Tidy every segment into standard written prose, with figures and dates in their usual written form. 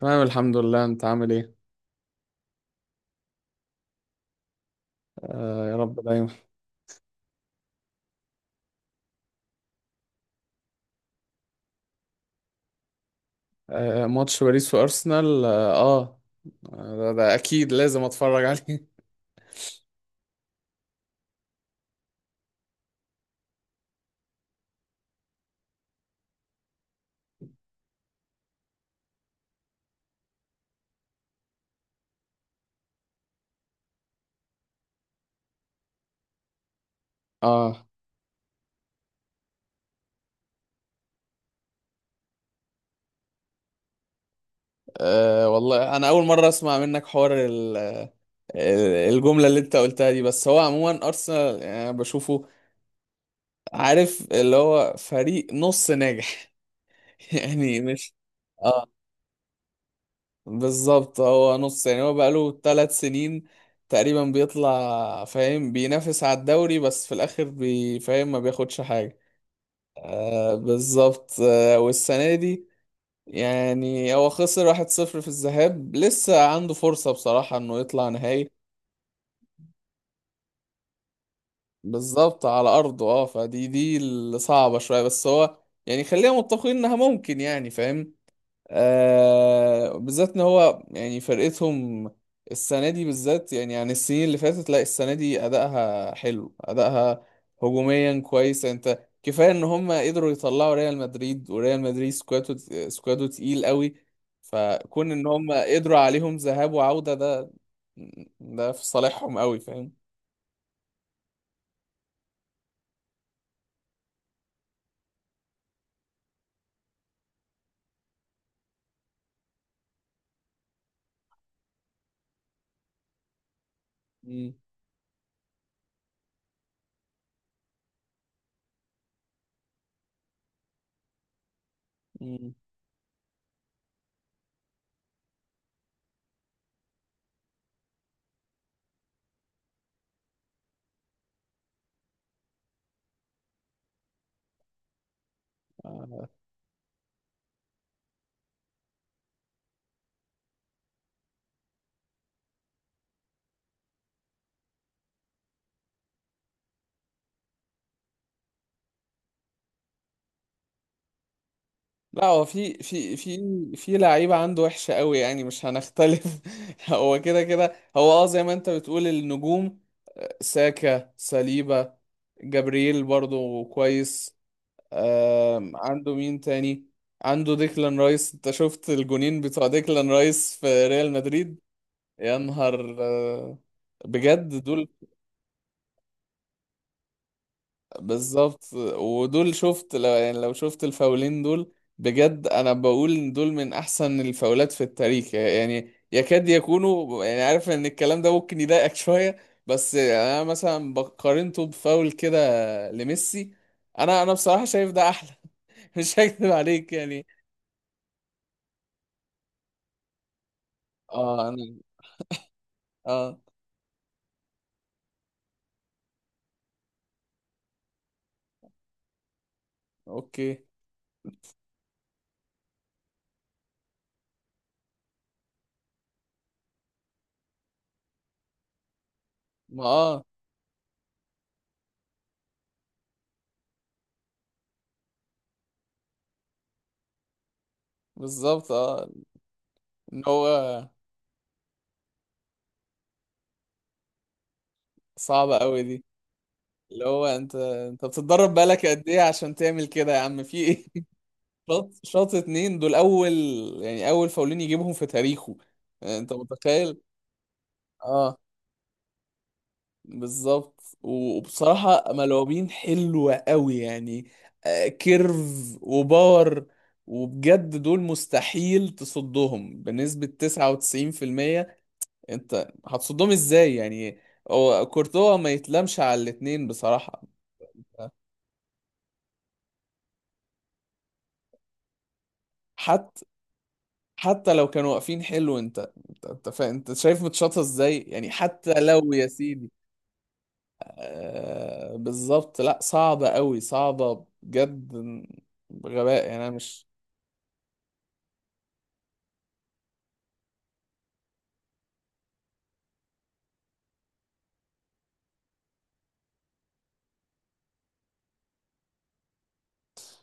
تمام الحمد لله انت عامل ايه. آه يا رب دايما. آه ماتش باريس وارسنال آه. ده اكيد لازم اتفرج عليه آه. اه والله انا اول مره اسمع منك حوار الجمله اللي انت قلتها دي، بس هو عموما ارسنال يعني أنا بشوفه عارف اللي هو فريق نص ناجح يعني مش اه بالظبط هو نص، يعني هو بقاله ثلاث سنين تقريبا بيطلع فاهم بينافس على الدوري بس في الاخر بيفهم ما بياخدش حاجة. آه بالظبط، آه والسنة دي يعني هو خسر واحد صفر في الذهاب، لسه عنده فرصة بصراحة انه يطلع نهائي. بالظبط على ارضه، اه فدي اللي صعبة شوية، بس هو يعني خلينا متفقين انها ممكن، يعني فاهم، آه بالذات ان هو يعني فرقتهم السنه دي بالذات، يعني عن السنين اللي فاتت، لا السنه دي ادائها حلو، ادائها هجوميا كويس، يعني انت كفايه ان هم قدروا يطلعوا ريال مدريد، وريال مدريد سكواده تقيل قوي، فكون ان هم قدروا عليهم ذهاب وعوده، ده ده في صالحهم قوي فاهم. مم. مم. لا هو في لعيبة عنده وحشة قوي، يعني مش هنختلف هو كده كده هو اه زي ما انت بتقول النجوم، ساكا، ساليبا، جابرييل برضو كويس. آم، عنده مين تاني؟ عنده ديكلان رايس، انت شفت الجونين بتوع ديكلان رايس في ريال مدريد؟ يا نهار آه، بجد دول بالظبط، ودول شفت لو يعني لو شفت الفاولين دول بجد، انا بقول إن دول من احسن الفاولات في التاريخ، يعني يكاد يكونوا يعني عارف ان الكلام ده ممكن يضايقك شوية، بس انا مثلا بقارنته بفاول كده لميسي، انا بصراحة شايف ده احلى مش هكذب عليك يعني. اه انا اه اوكي. ما اه بالظبط اه ان هو صعبة قوي دي، اللي هو انت بتتدرب بقالك قد ايه عشان تعمل كده يا عم؟ في ايه؟ شاط اتنين، دول اول يعني اول فاولين يجيبهم في تاريخه، يعني انت متخيل؟ اه بالظبط، و- وبصراحة ملعوبين حلوة قوي يعني، آه، كيرف وباور، وبجد دول مستحيل تصدهم بنسبة 99%. انت هتصدهم ازاي يعني؟ هو كورتوا ما يتلامش على الاتنين بصراحة. حتى حتى لو كانوا واقفين حلو، انت انت شايف متشاطة ازاي يعني، حتى لو ياسين. آه، بالظبط، لا صعبة قوي، صعبة بجد، بغباء يعني انا مش.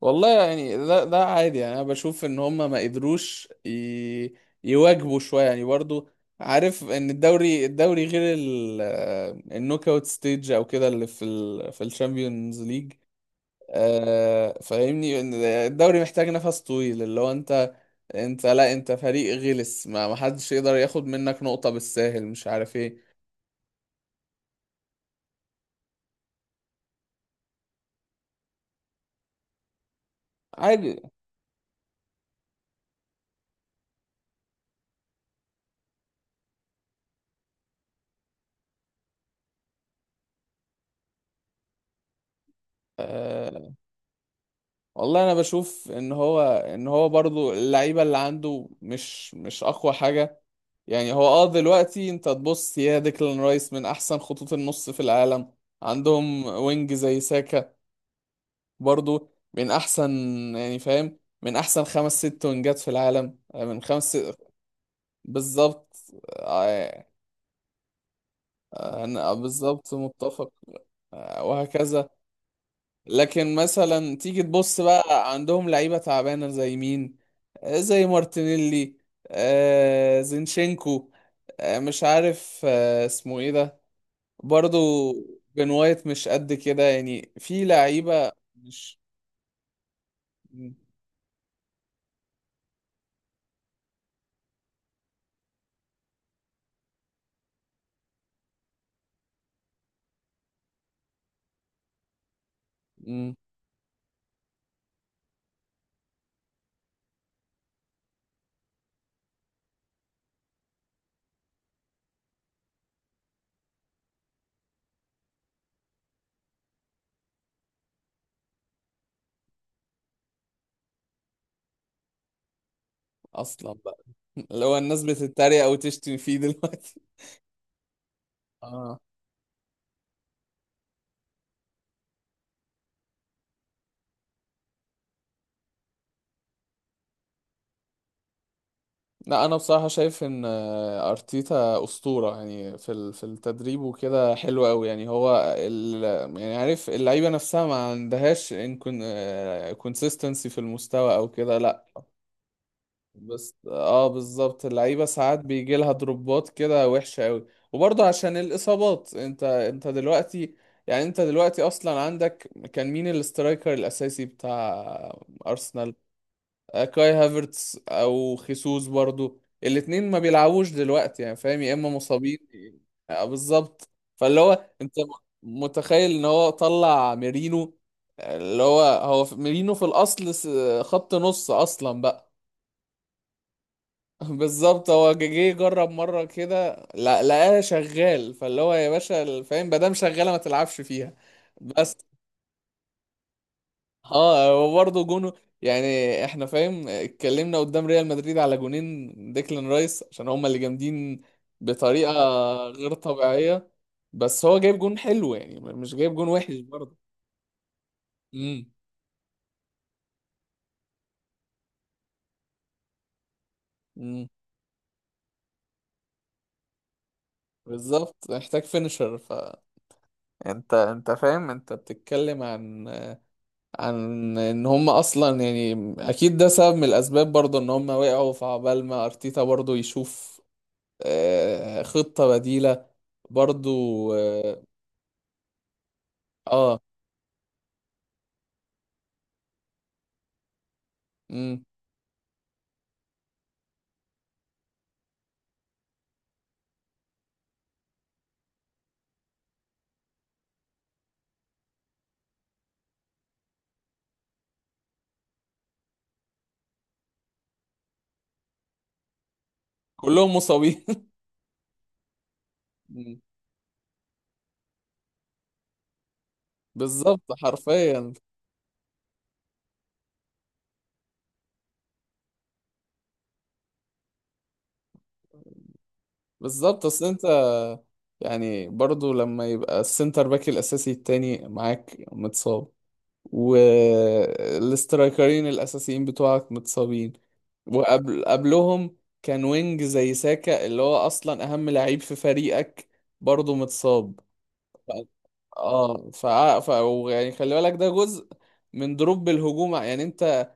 والله يعني ده ده عادي، يعني انا بشوف ان هم ما قدروش يواجبوا شوية، يعني برضو عارف ان الدوري غير آه، النوك اوت ستيج او كده اللي في في الشامبيونز ليج. آه، فاهمني إن الدوري محتاج نفس طويل، اللي هو انت، انت لا انت فريق غلس، ما حدش يقدر ياخد منك نقطة بالساهل، مش عارف ايه. عادي. أه والله انا بشوف ان هو ان هو برضو اللعيبه اللي عنده مش مش اقوى حاجه، يعني هو اه دلوقتي انت تبص، يا ديكلان رايس من احسن خطوط النص في العالم، عندهم وينج زي ساكا، برضو من احسن، يعني فاهم من احسن خمس ست وينجات في العالم، آه، من بالظبط. آه، آه، أنا بالظبط متفق. آه، وهكذا. لكن مثلا تيجي تبص بقى عندهم لعيبة تعبانة زي مين؟ آه، زي مارتينيلي، آه زينشينكو، آه مش عارف آه اسمه ايه ده برضو، بن وايت مش قد كده، يعني في لعيبة مش م- م- اصلا بقى لو الناس بتتريق او تشتم فيه دلوقتي اه. لا انا بصراحه شايف ان آه، ارتيتا اسطوره يعني في في التدريب وكده حلو قوي، يعني هو ال، يعني عارف اللعيبه نفسها ما عندهاش ان كونسيستنسي في المستوى او كده، لا. بس اه بالظبط اللعيبه ساعات بيجي لها دروبات كده وحشه قوي، وبرضه عشان الاصابات، انت دلوقتي، يعني انت دلوقتي اصلا عندك كان مين الاسترايكر الاساسي بتاع ارسنال؟ آه، كاي هافرتس او خيسوس برضو، الاتنين ما بيلعبوش دلوقتي، يعني فاهم يا اما مصابين. آه، بالظبط، فاللي هو انت متخيل ان هو طلع ميرينو، آه، اللي هو هو ميرينو في الاصل خط نص اصلا بقى بالظبط، هو جه جرب مره كده، لا لقاها شغال، فاللي هو يا باشا فاهم ما دام شغاله ما تلعبش فيها. بس اه وبرضه جونه، يعني احنا فاهم اتكلمنا قدام ريال مدريد على جونين ديكلان رايس عشان هما اللي جامدين بطريقة غير طبيعية، بس هو جايب جون حلو يعني، مش جايب جون وحش برضه. امم. امم. بالظبط محتاج فينشر، ف انت فاهم، انت بتتكلم عن عن ان هم اصلا، يعني اكيد ده سبب من الاسباب برضه، ان هم وقعوا في عبال ما ارتيتا برضه يشوف آه، خطة بديلة برضو. اه. مم. كلهم مصابين مم. بالظبط حرفيا. بالظبط اصل انت، يعني برضو لما يبقى السنتر باك الاساسي التاني معاك متصاب، والاسترايكرين الاساسيين بتوعك متصابين، وقبل قبلهم كان وينج زي ساكا اللي هو اصلا اهم لعيب في فريقك برضو متصاب، ف- اه ف... ف... يعني خلي بالك ده جزء من دروب الهجوم، يعني انت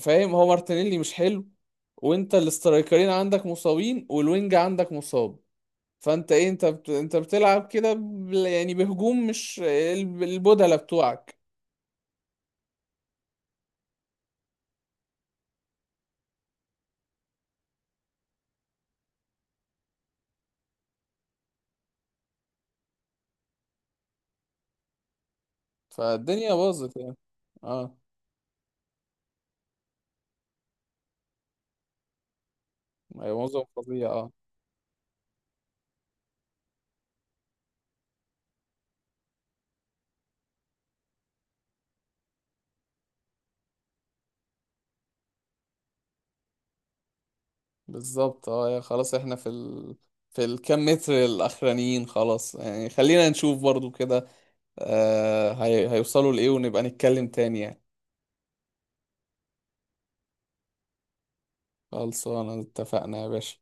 فاهم هو مارتينيلي مش حلو، وانت الاسترايكرين عندك مصابين والوينج عندك مصاب، فانت ايه، انت بتلعب كده يعني بهجوم مش البودلة بتوعك، فالدنيا باظت يعني اه. أيوة، معظم فظيع اه. بالظبط اه يا خلاص احنا في في الكام متر الاخرانيين خلاص، يعني خلينا نشوف برضو كده آه هيوصلوا لايه ونبقى نتكلم تاني يعني. خلصانه اتفقنا يا باشا.